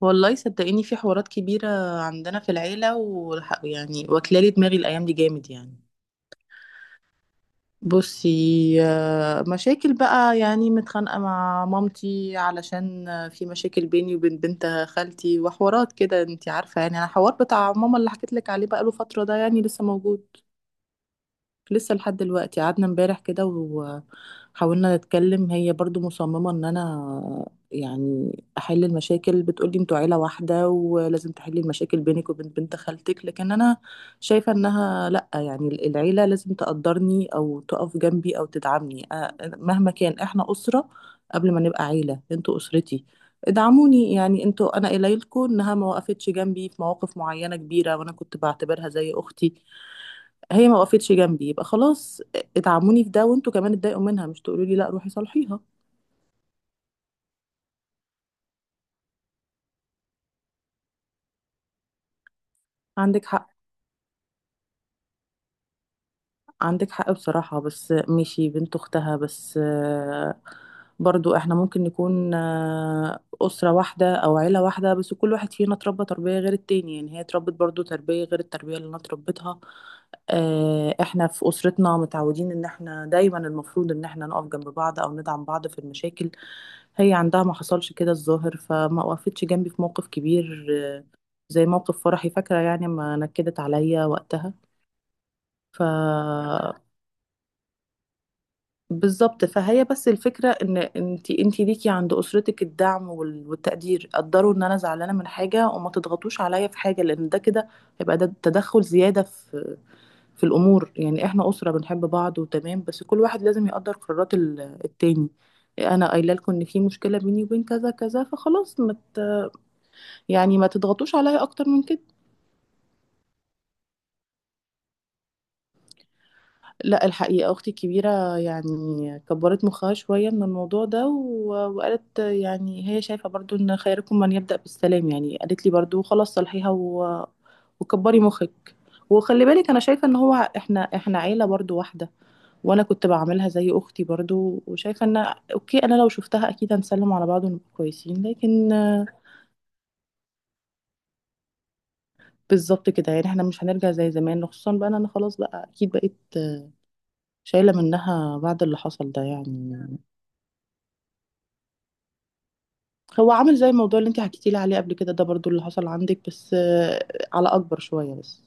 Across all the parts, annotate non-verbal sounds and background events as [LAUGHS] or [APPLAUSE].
والله صدقيني في حوارات كبيرة عندنا في العيلة، ويعني واكلالي دماغي الأيام دي جامد يعني. بصي، مشاكل بقى يعني، متخانقة مع مامتي علشان في مشاكل بيني وبين بنت خالتي وحوارات كده. انتي عارفة يعني الحوار بتاع ماما اللي حكيت لك عليه بقاله فترة ده، يعني لسه موجود، لسه لحد دلوقتي. قعدنا امبارح كده وحاولنا نتكلم، هي برضو مصممة ان انا يعني احل المشاكل. بتقولي انتوا عيلة واحدة ولازم تحلي المشاكل بينك وبين بنت خالتك، لكن انا شايفة انها لا، يعني العيلة لازم تقدرني او تقف جنبي او تدعمني. مهما كان احنا اسرة، قبل ما نبقى عيلة انتوا اسرتي. ادعموني يعني، انتوا انا قليلكم انها ما وقفتش جنبي في مواقف معينة كبيرة، وانا كنت بعتبرها زي اختي. هي ما وقفتش جنبي يبقى خلاص، اتعموني في ده، وانتوا كمان اتضايقوا منها، مش تقولوا لي لا روحي صالحيها. عندك حق، عندك حق بصراحة، بس ماشي بنت أختها، بس برضو احنا ممكن نكون أسرة واحدة أو عيلة واحدة، بس كل واحد فينا اتربى تربية غير التاني. يعني هي اتربت برضو تربية غير التربية اللي أنا اتربيتها. احنا في أسرتنا متعودين إن احنا دايما المفروض إن احنا نقف جنب بعض أو ندعم بعض في المشاكل. هي عندها ما حصلش كده الظاهر، فما وقفتش جنبي في موقف كبير زي موقف فرحي، فاكرة، يعني ما نكدت عليا وقتها. ف بالظبط. فهي بس الفكرة ان انت، انت ليكي عند اسرتك الدعم والتقدير. قدروا ان انا زعلانة من حاجة وما تضغطوش عليا في حاجة، لان ده كده هيبقى ده تدخل زيادة في في الامور. يعني احنا اسرة بنحب بعض وتمام، بس كل واحد لازم يقدر قرارات التاني. انا قايله لكم ان في مشكلة بيني وبين كذا كذا، فخلاص ما ت- يعني ما تضغطوش عليا اكتر من كده. لا الحقيقة أختي الكبيرة يعني كبرت مخها شوية من الموضوع ده، وقالت يعني هي شايفة برضو إن خيركم من يبدأ بالسلام. يعني قالت لي برضو خلاص صلحيها وكبري مخك وخلي بالك. أنا شايفة إن هو إحنا، عيلة برضو واحدة، وأنا كنت بعملها زي أختي برضو، وشايفة إن أوكي أنا لو شفتها أكيد هنسلم على بعض ونبقى كويسين، لكن بالظبط كده. يعني إحنا مش هنرجع زي زمان، خصوصا بقى إن أنا خلاص بقى أكيد بقيت شايلة منها بعد اللي حصل ده يعني. هو عامل زي الموضوع اللي انت حكيتي لي عليه قبل كده، ده برضو اللي حصل عندك، بس على اكبر شوية بس.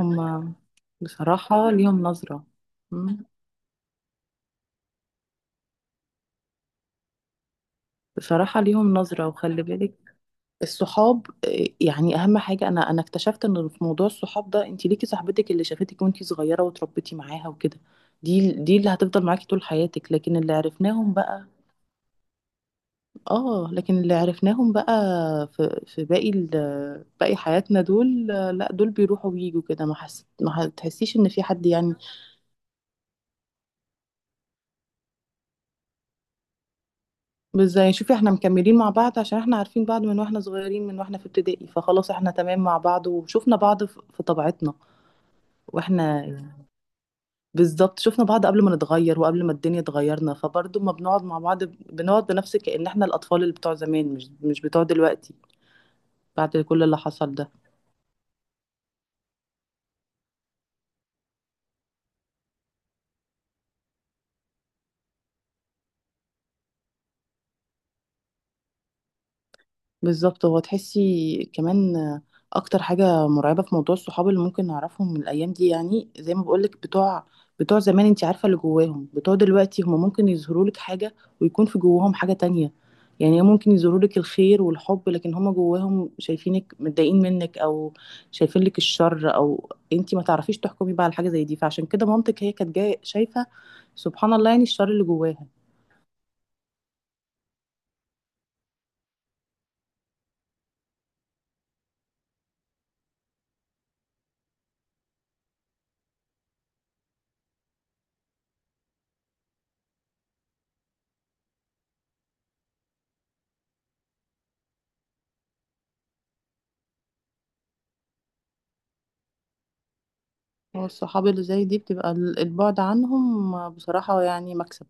هما بصراحة ليهم نظرة. مم. بصراحة ليهم نظرة، وخلي بالك الصحاب يعني. اهم حاجة انا، اكتشفت ان في موضوع الصحاب ده، انت ليكي صاحبتك اللي شافتك وانت صغيرة وتربيتي معاها وكده، دي اللي هتفضل معاكي طول حياتك. لكن اللي عرفناهم بقى، اه، لكن اللي عرفناهم بقى في باقي باقي حياتنا، دول لا، دول بيروحوا ويجوا كده، ما تحسيش ان في حد يعني. مش زي، شوفي احنا مكملين مع بعض عشان احنا عارفين بعض من واحنا صغيرين، من واحنا في ابتدائي، فخلاص احنا تمام مع بعض وشفنا بعض في طبيعتنا واحنا، بالظبط، شفنا بعض قبل ما نتغير وقبل ما الدنيا تغيرنا. فبرضه ما بنقعد مع بعض، بنقعد بنفس كأن احنا الاطفال اللي بتوع زمان مش بتوع دلوقتي. بعد كل اللي حصل ده، بالظبط. هو تحسي كمان اكتر حاجه مرعبه في موضوع الصحاب اللي ممكن نعرفهم من الايام دي، يعني زي ما بقولك، بتوع زمان انت عارفه اللي جواهم، بتوع دلوقتي هم ممكن يظهروا لك حاجه ويكون في جواهم حاجه تانية. يعني ممكن يظهروا لك الخير والحب، لكن هم جواهم شايفينك متضايقين منك، او شايفين لك الشر، او انت ما تعرفيش تحكمي بقى على حاجه زي دي. فعشان كده مامتك هي كانت جايه شايفه، سبحان الله، يعني الشر اللي جواها. هو الصحاب اللي زي دي بتبقى البعد عنهم بصراحه يعني مكسب.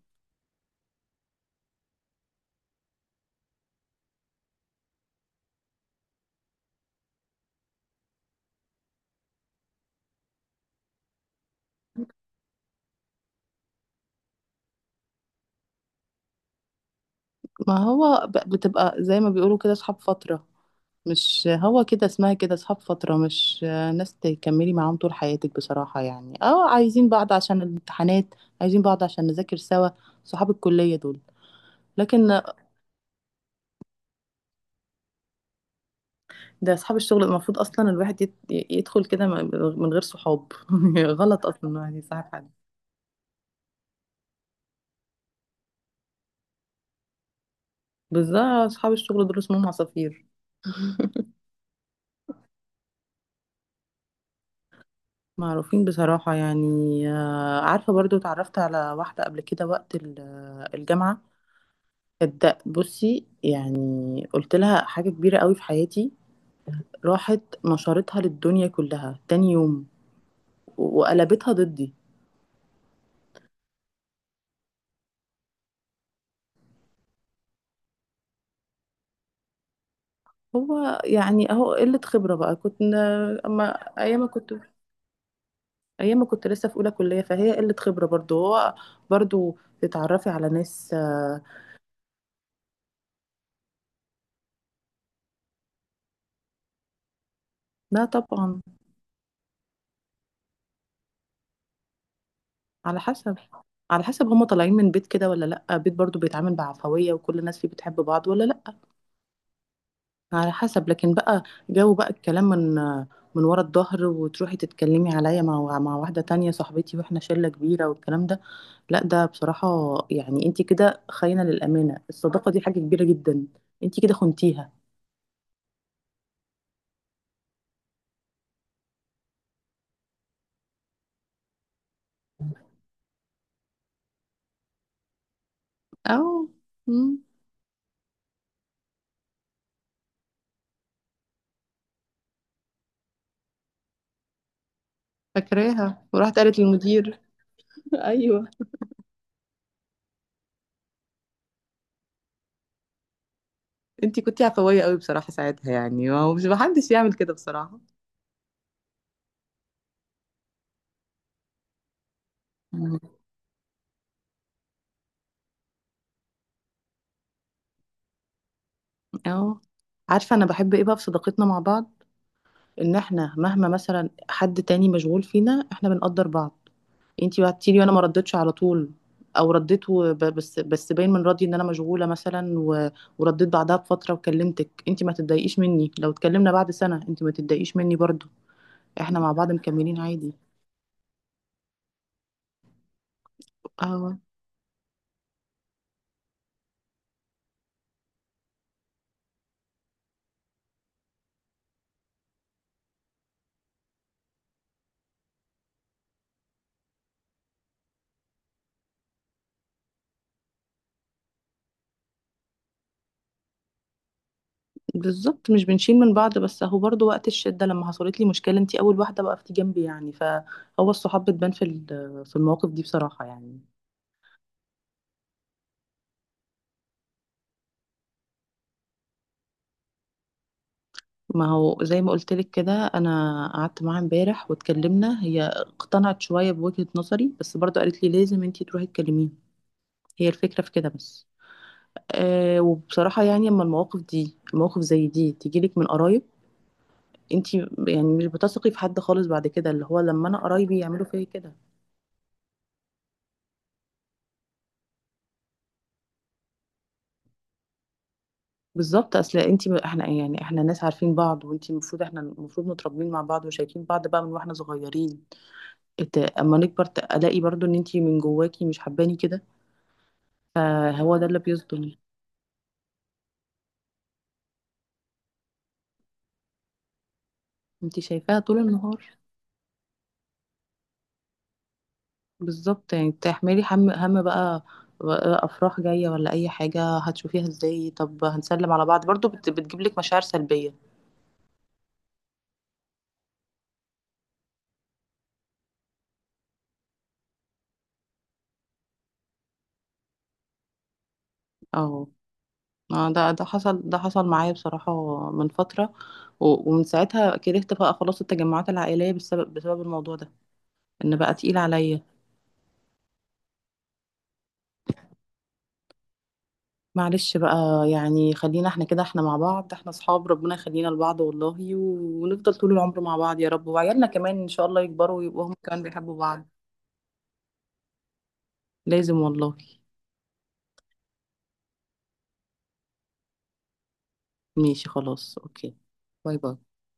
ما هو بتبقى زي ما بيقولوا كده اصحاب فترة، مش هو كده اسمها، كده اصحاب فترة، مش ناس تكملي معاهم طول حياتك بصراحة. يعني اه، عايزين بعض عشان الامتحانات، عايزين بعض عشان نذاكر سوا، صحاب الكلية دول. لكن ده اصحاب الشغل المفروض اصلا الواحد يدخل كده من غير صحاب [LAUGHS] غلط اصلا يعني صاحب حد. بالذات اصحاب الشغل دول اسمهم عصافير. [LAUGHS] معروفين بصراحة يعني. عارفة برضو اتعرفت على واحدة قبل كده وقت الجامعة، صدق. بصي يعني، قلت لها حاجة كبيرة قوي في حياتي، راحت نشرتها للدنيا كلها تاني يوم، وقلبتها ضدي. هو يعني اهو قلة خبرة بقى، كنت، اما ايام ما كنت، لسه في اولى كلية، فهي قلة خبرة برضو. هو برضو تتعرفي على ناس لا طبعا. على حسب، هما طالعين من بيت كده، ولا لا، بيت برضو بيتعامل بعفوية وكل الناس فيه بتحب بعض، ولا لا. على حسب. لكن بقى جو بقى الكلام من ورا الظهر، وتروحي تتكلمي عليا مع واحدة تانية صاحبتي واحنا شلة كبيرة والكلام ده، لا ده بصراحة يعني انت كده خاينة للأمانة. الصداقة دي حاجة كبيرة جدا، انت كده خنتيها. أو، مم، فاكراها، وراحت قالت للمدير. [LAUGHS] أيوه، أنتي كنتي عفوية قوي بصراحة ساعتها يعني، ومش، محدش يعمل كده بصراحة. مم. اه، عارفة انا بحب ايه بقى في صداقتنا مع بعض؟ ان احنا مهما مثلا حد تاني مشغول فينا، احنا بنقدر بعض. انتي بعتيلي وانا ما ردتش على طول، او رديت بس باين من ردي ان انا مشغوله مثلا، ورديت بعدها بفتره وكلمتك. انتي ما تتضايقيش مني لو اتكلمنا بعد سنه، انتي ما تتضايقيش مني برضو. احنا مع بعض مكملين عادي. اه، بالظبط. مش بنشيل من بعض، بس اهو برضو وقت الشده لما حصلت لي مشكله انتي اول واحده وقفتي جنبي. يعني فهو الصحاب بتبان في في المواقف دي بصراحه يعني. ما هو زي ما قلت لك كده، انا قعدت معاها امبارح واتكلمنا، هي اقتنعت شويه بوجهه نظري، بس برضه قالت لي لازم انتي تروحي تكلميها، هي الفكره في كده بس. أه، وبصراحه يعني اما المواقف دي، مواقف زي دي تجيلك من قرايب، انتي يعني مش بتثقي في حد خالص بعد كده، اللي هو لما انا قرايبي يعملوا فيا كده. بالظبط. اصل انتي احنا يعني احنا ناس عارفين بعض، وانتي المفروض، احنا المفروض متربيين مع بعض وشايفين بعض بقى من واحنا صغيرين، اما نكبر الاقي برضو ان انتي من جواكي مش حباني كده، فهو ده اللي بيصدم. انت شايفاها طول النهار، بالظبط. يعني تحملي هم، بقى، بقى افراح جايه ولا اي حاجه، هتشوفيها ازاي؟ طب هنسلم على بعض برضو، بتجيب لك مشاعر سلبيه. اه، ده، حصل، ده حصل معايا بصراحه من فتره، ومن ساعتها كرهت بقى خلاص التجمعات العائليه بسبب الموضوع ده، ان بقى تقيل عليا. معلش بقى. يعني خلينا احنا كده، احنا مع بعض، احنا اصحاب، ربنا يخلينا لبعض والله ونفضل طول العمر مع بعض يا رب، وعيالنا كمان ان شاء الله يكبروا ويبقوا هم كمان بيحبوا بعض. لازم والله. ماشي خلاص، اوكي. باي باي.